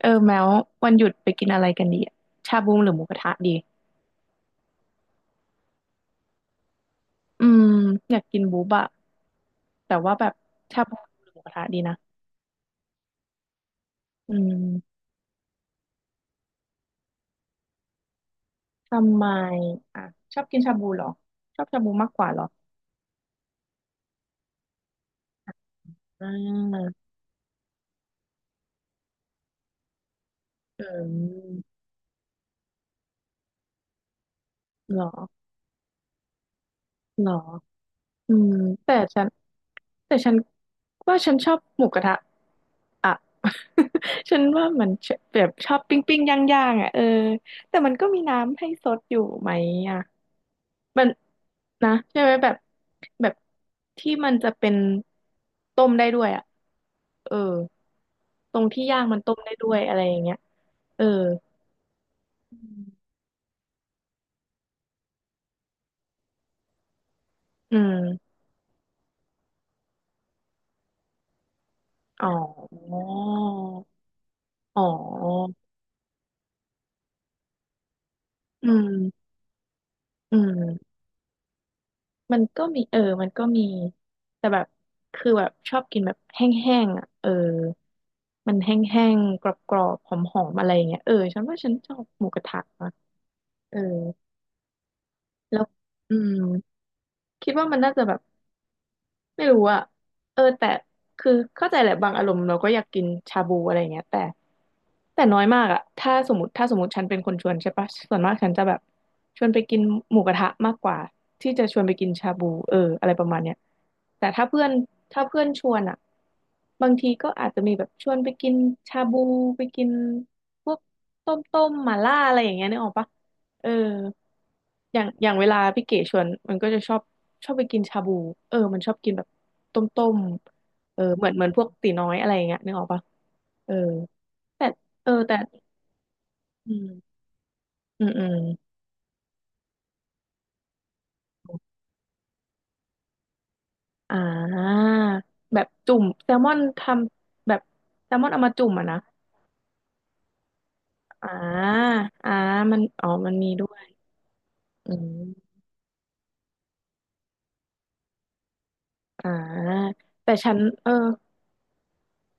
เออแมววันหยุดไปกินอะไรกันดีอะชาบูหรือหมูกระทะดีอืมอยากกินบูบอะแต่ว่าแบบชาบูหรือหมูกระทะดีนะอืมทำไมอ่ะชอบกินชาบูเหรอชอบชาบูมากกว่าเหรออ่าเออเหรอเหรออืมแต่ฉัน แต่ฉันว่าฉันชอบหมูกระทะอ่ะ ฉันว่ามันแบบชอบปิ้งปิ้งย่างย่างๆอ่ะเออแต่มันก็มีน้ำให้ซดอยู่ไหมอ่ะมันนะใช่ไหมแบบแบบที่มันจะเป็นต้มได้ด้วยอ่ะเออตรงที่ย่างมันต้มได้ด้วยอะไรอย่างเงี้ยเอออืมออ๋ออ๋ออืมอืม มันก็มีเออมันก็มีแต่แบบคือแบบชอบกินแบบแห้งๆอ่ะเออมันแห้งๆกรอบๆหอมๆอะไรอย่างเงี้ยเออฉันว่าฉันชอบหมูกระทะนะเออแล้วอืมคิดว่ามันน่าจะแบบ ไม่รู้อะเออแต่คือเข้าใจแหละบางอารมณ์เราก็อยากกินชาบูอะไรอย่างเงี้ยแต่น้อยมากอะถ้าสมมติฉันเป็นคนชวนใช่ปะส่วนมากฉันจะแบบชวนไปกินหมูกระทะมากกว่าที่จะชวนไปกินชาบูเอออะไรประมาณเนี้ยแต่ถ้าเพื่อนชวนอะบางทีก็อาจจะมีแบบชวนไปกินชาบูไปกินพวกต้มต้มหม่าล่าอะไรอย่างเงี้ยนึกออกปะเออ อย่างเวลาพี่เก๋ชวนมันก็จะชอบไปกินชาบูเออมันชอบกินแบบต้มต้มเออเหมือนพวกตีน้อยอะไรอย่างเงี้ยนึกออกปะเออแต่เออแต่อืมอืมอืมอ่าแบบจุ่มแซลมอนทำแบบแซลมอนเอามาจุ่มอ่ะนะอ่าอ่ามันอ๋อมันมีด้วยอืมอ่าแต่ฉันเออ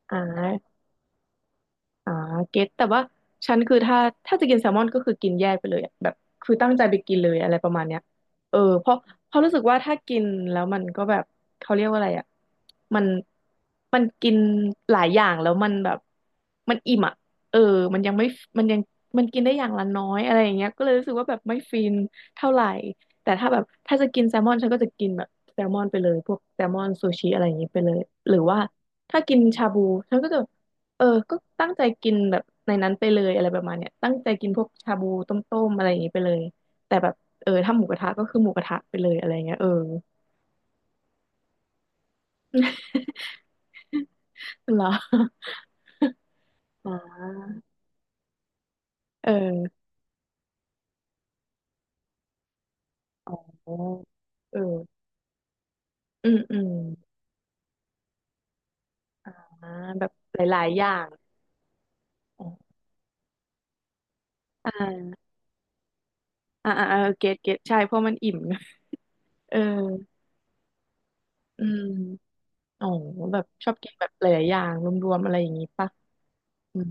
อ่า อ่าเก็ตแต่ว่าฉันคือถ้าจะกินแซลมอนก็คือกินแยกไปเลยอะแบบคือตั้งใจไปกินเลยอะไรประมาณเนี้ยเออเพราะรู้สึกว่าถ้ากินแล้วมันก็แบบเขาเรียกว่าอะไรอ่ะมันกินหลายอย่างแล้วมันแบบมันอิ่มอ่ะเออมันยังไม่มันยังมันกินได้อย่างละน้อยอะไรอย่างเงี้ยก็เลยรู้สึกว่าแบบไม่ฟินเท่าไหร่แต่ถ้าจะกินแซลมอนฉันก็จะกินแบบแซลมอนไปเลยพวกแซลมอนซูชิอะไรอย่างงี้ไปเลยหรือว่าถ้ากินชาบูฉันก็จะ เออก็ตั้งใจกินแบบในนั้นไปเลยอะไรประมาณเนี้ยตั้งใจกินพวกชาบูต้มๆอะไรอย่างงี้ไปเลยแต่แบบเออถ้าหมูกระทะก็คือหมูกระทะไปเลยอะไรเงี้ยเออ เหรออ่าเอออ๋อเอออืมอืมอ่าแบบหลายๆอย่างอ่าอ่าอ่าอ่าเก็ตเก็ตใช่เพราะมันอิ่ม เอออืมอ๋อแบบชอบกินแบบหลายๆอย่างรวมๆอะไรอย่างงี้ปะอืม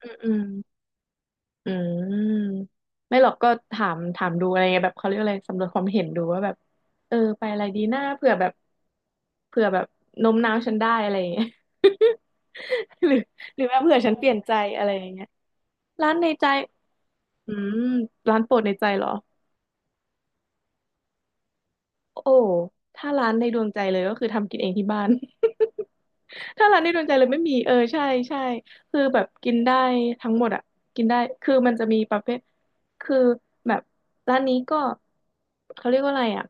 อืมอืม อืมไม่หรอกก็ถามดูอะไรเงี้ยแบบเขาเรียกอะไรสำรวจความเห็นดูว่าแบบเออไปอะไรดีหน้าเผื่อแบบเผื่อแบบโน้มน้าวฉันได้อะไรอย่างเงี้ย หรือหรือว่าเผื่อฉันเปลี่ยนใจอะไรอย่างเงี้ยร้านในใจอืมร้านโปรดในใจเหรอโอ้ถ้าร้านในดวงใจเลยก็คือทำกินเองที่บ้าน ถ้าร้านในดวงใจเลยไม่มีเออใช่ใช่คือแบบกินได้ทั้งหมดอ่ะกินได้คือมันจะมีประเภทคือแบบร้านนี้ก็เขาเรียกว่าอะไรอ่ะ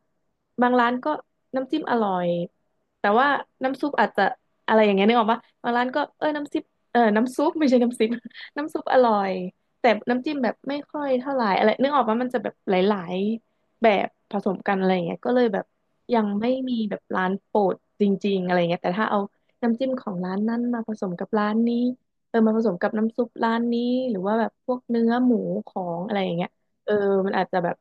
บางร้านก็น้ำจิ้มอร่อยแต่ว่าน้ำซุปอาจจะอะไรอย่างเงี้ยนึกออกปะบางร้านก็เออน้ำซุปเออน้ำซุปไม่ใช่น้ำซุป น้ำซุปอร่อยแต่น้ำจิ้มแบบไม่ค่อยเท่าไหร่อะไรนึกออกว่ามันจะแบบหลายๆแบบผสมกันอะไรอย่างเงี้ยก็เลยแบบยังไม่มีแบบร้านโปรดจริงๆอะไรเงี้ยแต่ถ้าเอา น้ำจิ้มของร้านนั้นมาผสมกับร้านนี้เออมาผสมกับน้ำซุปร้านนี้ หรือว่าแบบพวกเนื้อหมูของอะไรอย่างเงี้ยเออมันอาจจะแบบ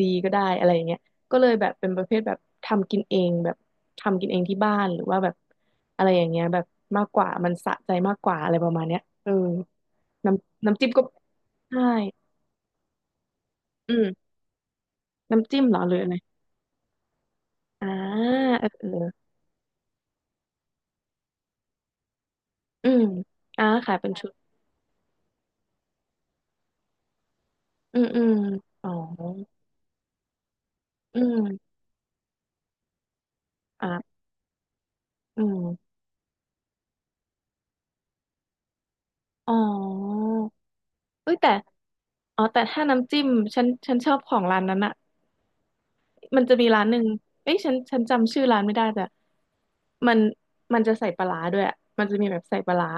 ดีก็ได้อะไรอย่างเงี้ยก็เลยแบบเป็นประเภทแบบทำกินเองแบบทำกินเองที่บ้านหรือว่าแบบอะไรอย่างเงี้ยแบบมากกว่ามันสะใจมากกว่าอะไรประมาณเนี้ยเออน้ำจิ้มก็ใช่อืมน้ำจิ้มเหรอหรืออะไรอ่าเออเอออืมอ่าขายเป็นชุดอืมอืมอ๋ออืมอ่าอืม อ๋อเอ้ยแต่ อ๋อแต่ถ้าน้ำจิ้มฉันชอบของร้านนั้นอะมันจะมีร้านหนึ่งเอ้ยฉันจำชื่อร้านไม่ได้แต่มันจะใส่ปลาร้าด้วยอะมันจะมีแบบใส่ปลาร้า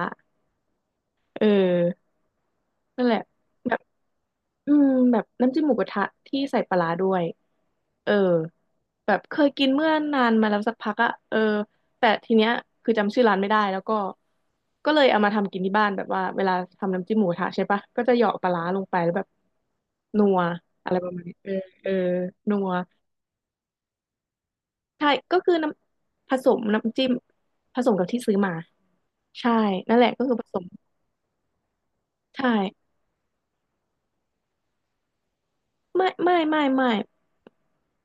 เออนั่นแหละแบบ อืมแบบน้ำจิ้มหมูกระทะที่ใส่ปลาร้าด้วยเออแบบเคยกินเมื่อนานมาแล้วสักพักอะเออแต่ทีเนี้ยคือจำชื่อร้านไม่ได้แล้วก็ก็เลยเอามาทำกินที่บ้านแบบว่าเวลาทำน้ำจิ้มหมูกระทะใช่ปะก็จะเหยาะปลาร้าลงไปแล้วแบบนัวอะไรประมาณนี้เออเออนัวใช่ก็คือน้ำผสมน้ำจิ้มผสมกับที่ซื้อมาใช่นั่นแหละก็คือผสมใช่ไม่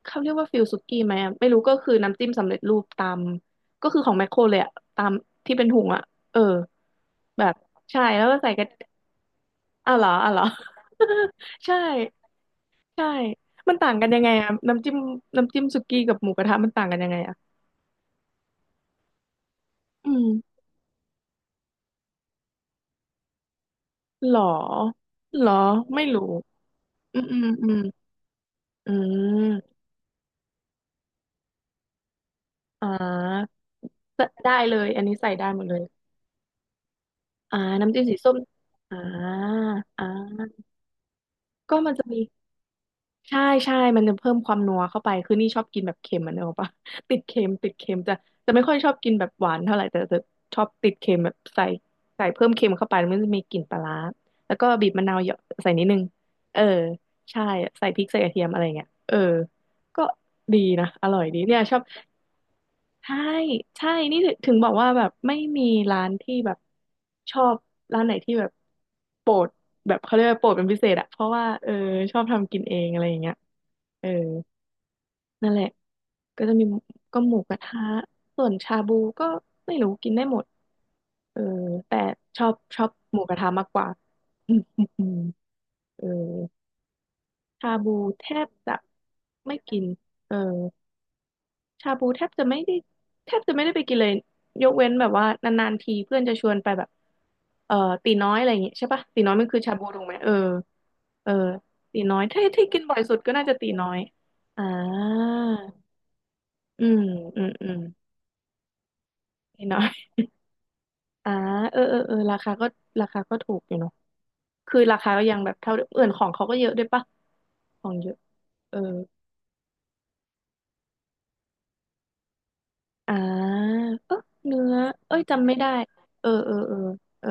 เขาเรียกว่าฟิลสุกี้ไหมอะไม่รู้ก็คือน้ำจิ้มสำเร็จรูปตามก็คือของแมคโครเลยอะตามที่เป็นถุงอะเออแบบใช่แล้วก็ใส่กระอ้าวเหรออ้าวเหรอ ใช่ใช่มันต่างกันยังไงอะน้ำจิ้มสุกี้กับหมูกระทะมันต่างกันยังไงอะอืมหรอหรอไม่รู้อืมอืมอืมอืมอ่าได้เลยอันนี้ใส่ได้หมดเลยอ่าน้ำจิ้มสีส้มอ่าอ่าก็มันจะมี ใช่ใช่มันจะเพิ่มความนัวเข้าไปคือนี่ชอบกินแบบเค็มมันเนกอะปะ ติดเค็มติดเค็มจะไม่ค่อยชอบกินแบบหวานเท่าไหร่แต่จะชอบติดเค็มแบบใส่ใส่เพิ่มเค็มเข้าไปมันจะมีกลิ่นปลาร้าแล้วก็บีบมะนาวเหยาะใส่นิดนึงเออ ใช่ใส่พริกใส่กระเทียมอะไรเงี้ยเออก็ดีนะอร่อยดีเนี่ยชอบ ใช่ใช่นี่ถึงบอกว่าแบบไม่มีร้านที่แบบชอบร้านไหนที่แบบโปรดแบบเขาเรียกว่าโปรดเป็นพิเศษอะเพราะว่าเออชอบทำกินเองอะไรอย่างเงี้ยเออนั่นแหละก็จะมีก็หมูกระทะส่วนชาบูก็ไม่รู้กินได้หมดเออแต่ชอบชอบหมูกระทะมากกว่า อืมอืมอืมเออชาบูแทบจะไม่กินเออ ชาบูแทบจะไม่ได้แทบจะไม่ได้ไปกินเลยยกเว้นแบบว่านานๆทีเพื่อนจะชวนไปแบบเอ่อตีน้อยอะไรอย่างเงี้ยใช่ปะตีน้อยมันคือชาบูถูกไหมเออเออตีน้อยถ้าที่กินบ่อยสุดก็น่าจะตีน้อยอ่าอืมอืมอืมตีน้อยอ่าเออเออเออราคาก็ราคาก็ถูกอยู่เนาะคือราคาก็ยังแบบเท่าเดิมอื่นของเขาก็เยอะด้วยปะของเยอะเอออ่าเออเนื้อเอ้ยจำไม่ได้เออเออเออเออ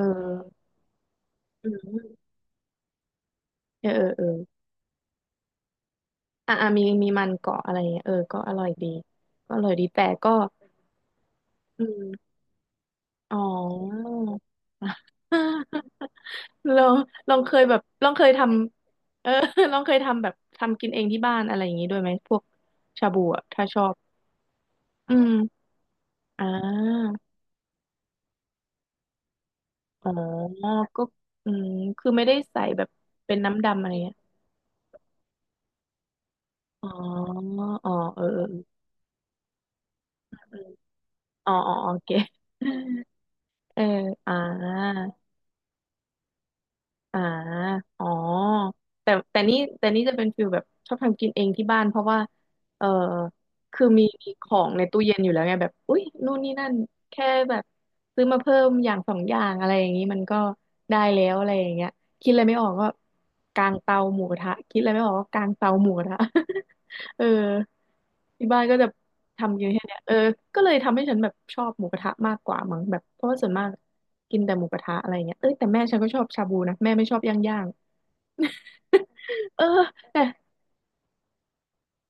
อืม เออเออเอออ่ะอ่ะมีมีมันเกาะอะไรเงี้ยเออก็อร่อยดีก็อร่อยดีแต่ก็อืมอ๋อ ลองลองเคยแบบลองเคยทำเออ ลองเคยทำแบบทำกินเองที่บ้านอะไรอย่างงี้ด้วยไหมพวกชาบูอ่ะถ้าชอบอืมอ่าอ๋อก็อืมคือไม่ได้ใส่แบบเป็นน้ำดำอะไรเงี้ยอ๋ออ๋อเออเออเอออ๋ออ๋อโอเค เอออ่า อ่าอ๋อแต่นี่จะเป็นฟิลแบบชอบทำกินเองที่บ้านเพราะว่าเออคือมีมีของในตู้เย็นอยู่แล้วไงแบบอุ๊ยนู่นนี่นั่นแค่แบบซื้อมาเพิ่มอย่างสองอย่างอะไรอย่างนี้มันก็ได้แล้วอะไรอย่างเงี้ยคิดอะไรไม่ออกก็กางเตาหมูกระทะคิดอะไรไม่ออกก็กางเตาหมูกระทะ เออที่บ้านก็จะ ทำกินแค่เนี้ยเออก็เลยทำให้ฉันแบบชอบหมูกระทะมากกว่ามั้งแบบเพราะว่าส่วนมากกินแต่หมูกระทะอะไรเงี้ยเอ้ยแต่แม่ฉันก็ชอบชาบูนะแม่ไม่ชอบย่างย่างเออแต่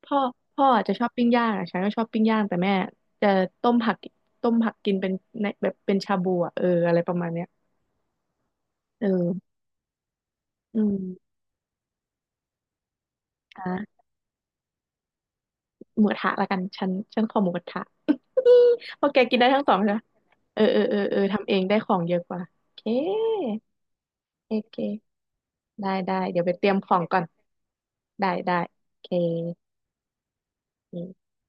พ่อพ่ออาจจะชอบปิ้งย่างอะฉันก็ชอบปิ้งย่างแต่แม่จะต้มผักต้มผักกินเป็นในแบบเป็นชาบูอะเอออะไรประมาณเนี้ยเอออืมอ่ะหมูกระทะละกันฉันขอหมูกระทะ อี้เพราะแกกินได้ทั้งสองนะเออทำเองได้ของเยอะกว่าโอเคโอเค ได้ได้เดี๋ยวไปเตรียมของก่อนได้ได้โอเค